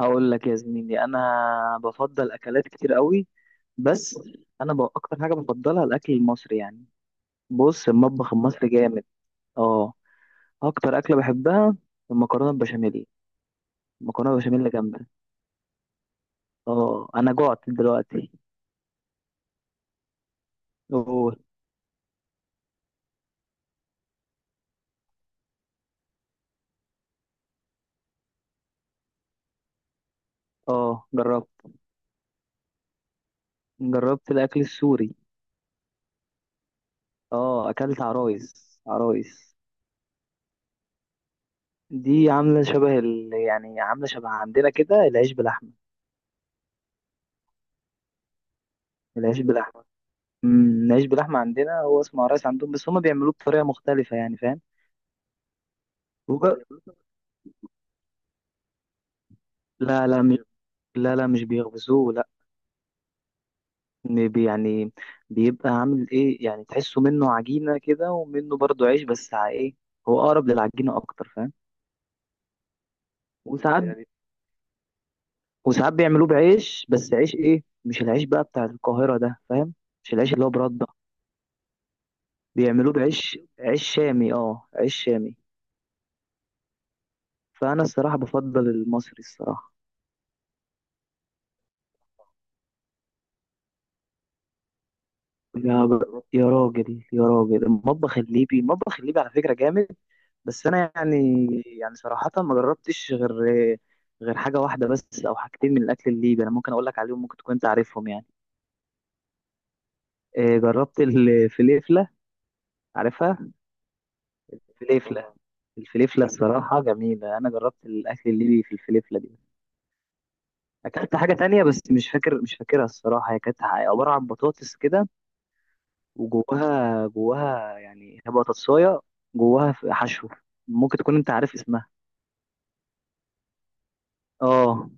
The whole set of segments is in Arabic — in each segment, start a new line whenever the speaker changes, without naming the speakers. هقول لك يا زميلي، انا بفضل اكلات كتير قوي. بس انا اكتر حاجه بفضلها الاكل المصري يعني. بص، المطبخ المصري جامد. اه اكتر اكله بحبها المكرونه البشاميل. المكرونه البشاميل جامده. اه، انا جوعت دلوقتي. أوه. اه، جربت. جربت الاكل السوري. اه، اكلت عرايس، عرايس. دي عامله شبه يعني عامله شبه عندنا كده، العيش بلحمه. العيش بلحمه. نعيش باللحمة عندنا، هو اسمه عرايس عندهم، بس هما بيعملوه بطريقة مختلفة، يعني فاهم. وج- لا لا مش لا، لا، مش بيخبزوه، لا. يعني بيبقى عامل ايه، يعني تحسه منه عجينة كده، ومنه برضه عيش، بس ايه، هو أقرب للعجينة أكتر، فاهم. وساعات يعني وساعات بيعملوه بعيش، بس عيش ايه، مش العيش بقى بتاع القاهرة ده، فاهم. مش العيش اللي هو برده. بيعملوه بعيش، عيش شامي، اه، عيش شامي. فأنا الصراحة بفضل المصري، الصراحة. يا راجل، يا راجل، المطبخ الليبي، المطبخ الليبي على فكرة جامد. بس أنا يعني صراحة ما جربتش غير حاجة واحدة بس، أو حاجتين من الأكل الليبي. أنا ممكن أقول لك عليهم، ممكن تكون أنت عارفهم يعني. آه، جربت الفليفلة. عارفها؟ الفليفلة. الفليفلة الصراحة جميلة، أنا جربت الأكل الليبي في الفليفلة دي. أكلت حاجة تانية، بس مش فاكر، مش فاكرها الصراحة. هي كانت عبارة عن بطاطس كده، جواها يعني هي بطاطساية، جواها في حشو. ممكن تكون انت عارف اسمها. اه،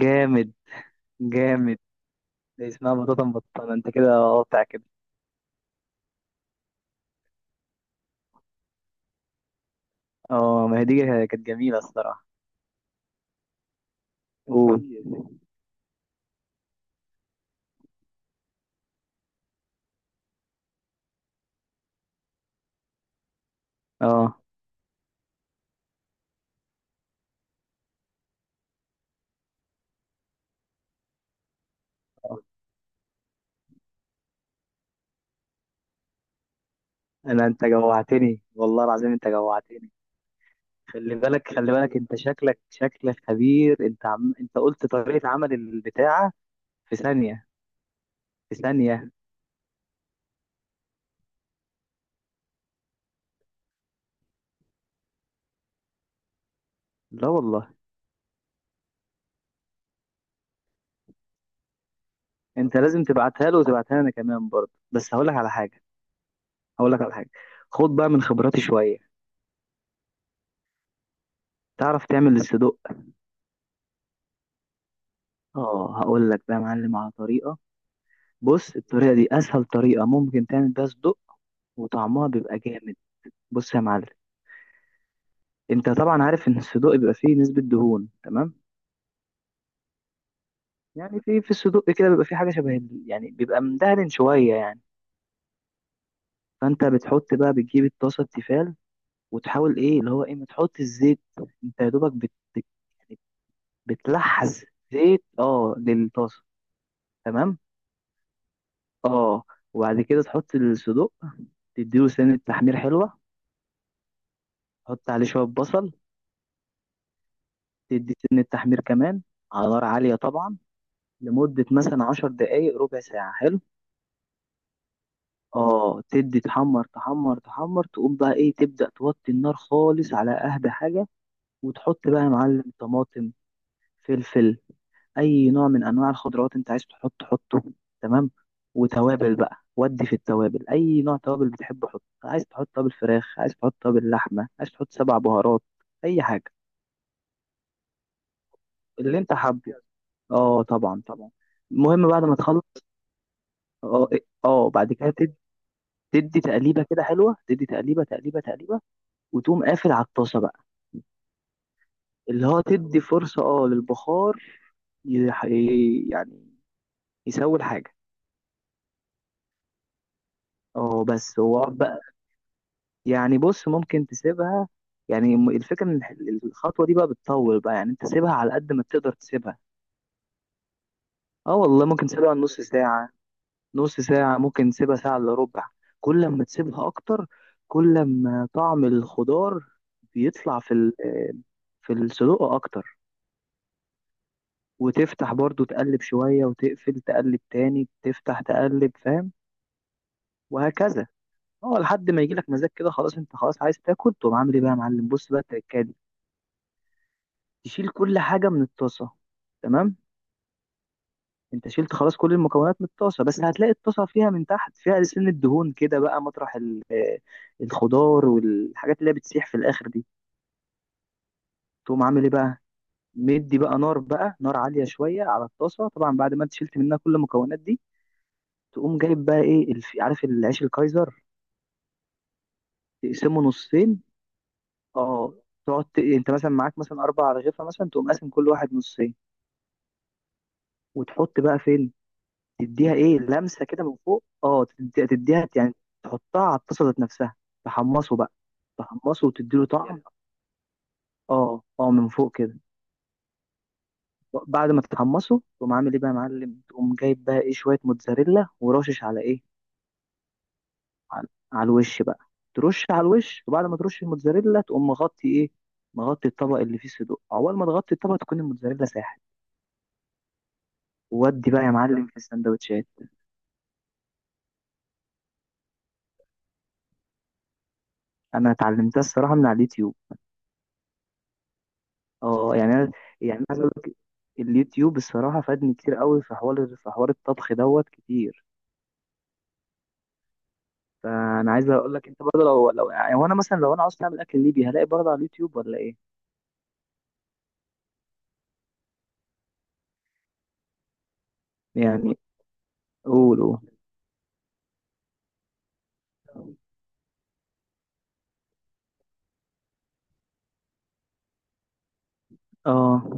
جامد، جامد. ده اسمها بطاطا مبططة، انت كده، اه، بتاع كده. اه، ما هي دي، كانت جميلة الصراحة. قول. اه، انت جوعتني والله العظيم، انت جوعتني. خلي بالك، خلي بالك، انت شكلك خبير، انت انت قلت طريقة عمل البتاعة. في ثانية. في ثانية. لا والله. انت لازم تبعتها له، وتبعتها لنا كمان برضه. بس هقول لك على حاجه، خد بقى من خبراتي شويه، تعرف تعمل الصدق. اه، هقول لك بقى يا معلم على طريقه. بص، الطريقه دي اسهل طريقه ممكن تعمل بيها صدق، وطعمها بيبقى جامد. بص يا معلم، انت طبعا عارف ان الصدوق بيبقى فيه نسبة دهون، تمام. يعني في الصدوق كده بيبقى فيه حاجة شبه يعني بيبقى مدهن شوية يعني. فانت بتحط بقى، بتجيب الطاسة التيفال، وتحاول ايه اللي هو ايه، ما تحط الزيت. انت يا دوبك بت- يعني بتلحس زيت، اه، للطاسة. تمام، اه، وبعد كده تحط الصدوق، تديله سنة تحمير حلوة. تحط عليه شوية بصل، تدي سنة تحمير كمان، على نار عالية طبعا، لمدة مثلا 10 دقايق، ربع ساعة. حلو، اه، تدي تحمر، تحمر، تحمر، تقوم بقى ايه، تبدأ توطي النار خالص على أهدى حاجة. وتحط بقى يا معلم طماطم، فلفل، اي نوع من انواع الخضروات انت عايز تحط، حطه. تمام، وتوابل بقى، ودي في التوابل اي نوع توابل بتحبه حطه، عايز تحط توابل فراخ، عايز تحط توابل لحمه، عايز تحط سبع بهارات، اي حاجه، اللي انت حابه. اه طبعا، طبعا. المهم بعد ما تخلص، اه إيه، اه بعد كده تدي تقليبه كده حلوه، تدي تقليبه، تقليبه، تقليبه. وتقوم قافل على الطاسه بقى، اللي هو تدي فرصه اه للبخار، يح- يعني يسوي الحاجه. اه، بس هو يعني، بص، ممكن تسيبها، يعني الفكرة ان الخطوة دي بقى بتطول بقى، يعني انت سيبها على قد ما تقدر تسيبها. اه والله، ممكن تسيبها نص ساعة. نص ساعة ممكن تسيبها، ساعة الا ربع، كل ما تسيبها اكتر، كل ما طعم الخضار بيطلع في في الصدوق اكتر. وتفتح برضو تقلب شوية، وتقفل، تقلب تاني، تفتح تقلب، فاهم. وهكذا. اه، لحد ما يجيلك مزاج كده خلاص، انت خلاص عايز تاكل، تقوم عامل ايه بقى يا معلم، بص بقى التركات. تشيل كل حاجة من الطاسة، تمام. انت شلت خلاص كل المكونات من الطاسة، بس هتلاقي الطاسة فيها من تحت فيها سن الدهون كده بقى، مطرح الخضار والحاجات اللي هي بتسيح في الآخر دي. تقوم عامل ايه بقى، مدي بقى نار، بقى نار عالية شوية على الطاسة، طبعا بعد ما انت شلت منها كل المكونات دي. تقوم جايب بقى ايه، عارف العيش الكايزر، تقسمه نصين. اه، انت مثلا معاك مثلا أربع رغيفة مثلا، تقوم قاسم كل واحد نصين، وتحط بقى فين. تديها ايه لمسه كده من فوق، اه، تديها يعني، تحطها على الطاسه ذات نفسها، تحمصه بقى. تحمصه وتديله طعم، اه، اه، من فوق كده. بعد ما تتحمصه تقوم عامل ايه بقى يا معلم، تقوم جايب بقى ايه شويه موتزاريلا، ورشش على ايه، على الوش بقى. ترش على الوش، وبعد ما ترش الموتزاريلا تقوم مغطي ايه، مغطي الطبق اللي فيه صدوق، اول ما تغطي الطبق تكون الموتزاريلا ساحت. ودي بقى يا معلم في السندوتشات. انا اتعلمتها الصراحه من على اليوتيوب. اه، يعني انا يعني أنا عايز اقول لك، اليوتيوب الصراحه فادني كتير قوي في حوار، الطبخ دوت كتير. فانا عايز اقول لك انت برضه لو يعني، هو انا مثلا لو انا عاوز اعمل اكل ليبي هلاقي برضه على اليوتيوب، ولا ايه يعني. قول، قول، اه.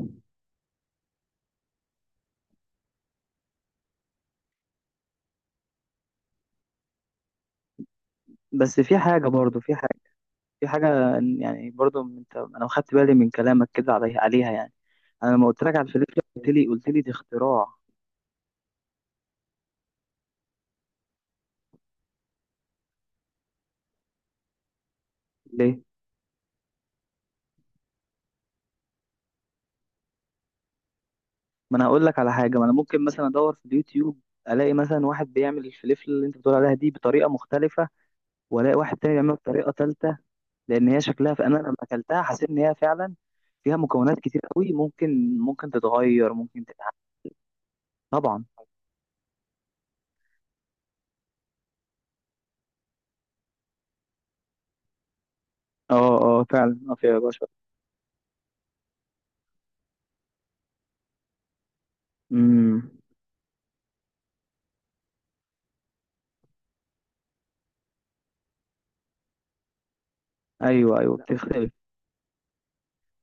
بس في حاجه برضه، في حاجه في حاجه يعني برضه، انا خدت بالي من كلامك كده، عليها يعني. انا لما قلت لك على الفلفله، قلت لي دي اختراع، ليه. ما انا هقول لك على حاجه، ما انا ممكن مثلا ادور في اليوتيوب، الاقي مثلا واحد بيعمل الفلفل اللي انت بتقول عليها دي بطريقه مختلفه، والاقي واحد تاني بيعمله بطريقه ثالثه. لان هي شكلها، فانا لما اكلتها حسيت ان هي فعلا فيها مكونات كتير قوي، ممكن تتغير، ممكن تتعمل. طبعا. اه، اه، فعلا، فيها بشر. امم. ايوه، ايوه، بتختلف.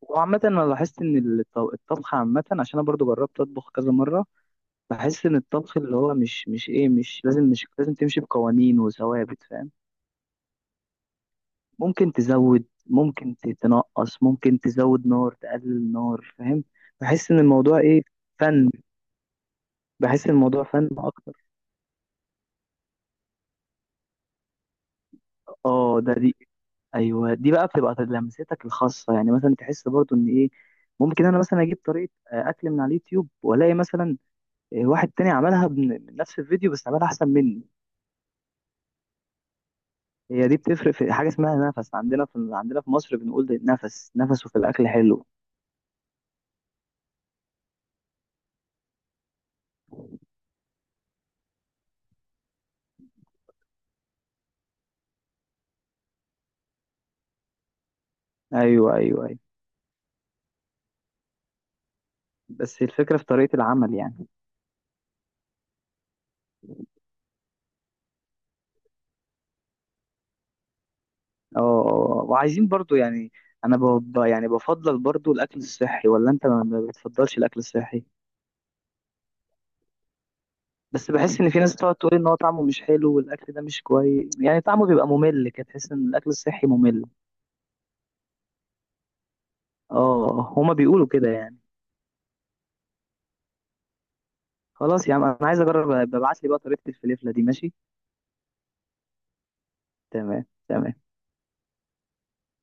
وعامة انا لاحظت ان الطبخ عامة، عشان انا برضو جربت اطبخ كذا مرة، بحس ان الطبخ اللي هو مش لازم، مش لازم تمشي بقوانين وثوابت، فاهم. ممكن تزود، ممكن تنقص، ممكن تزود نار، تقلل نار، فاهم. بحس ان الموضوع ايه، فن. بحس الموضوع فن اكتر. اه ده دي ايوه، دي بقى بتبقى لمستك الخاصه، يعني مثلا تحس برضو ان ايه، ممكن انا مثلا اجيب طريقه اكل من على اليوتيوب، والاقي مثلا واحد تاني عملها من نفس الفيديو، بس عملها احسن مني. هي دي بتفرق في حاجه اسمها نفس، عندنا في مصر بنقول، ده نفس، نفسه في الاكل حلو. ايوه، ايوه، ايوه. بس الفكره في طريقه العمل يعني. وعايزين برضو يعني، انا يعني بفضل برضو الاكل الصحي، ولا انت ما بتفضلش الاكل الصحي. بس بحس ان في ناس بتقعد تقول ان هو طعمه مش حلو، والاكل ده مش كويس يعني، طعمه بيبقى ممل كده، تحس ان الاكل الصحي ممل. اه، هما بيقولوا كده يعني. خلاص يا عم، انا عايز اجرب، ابعت لي بقى طريقة الفليفلة دي، ماشي. تمام، تمام.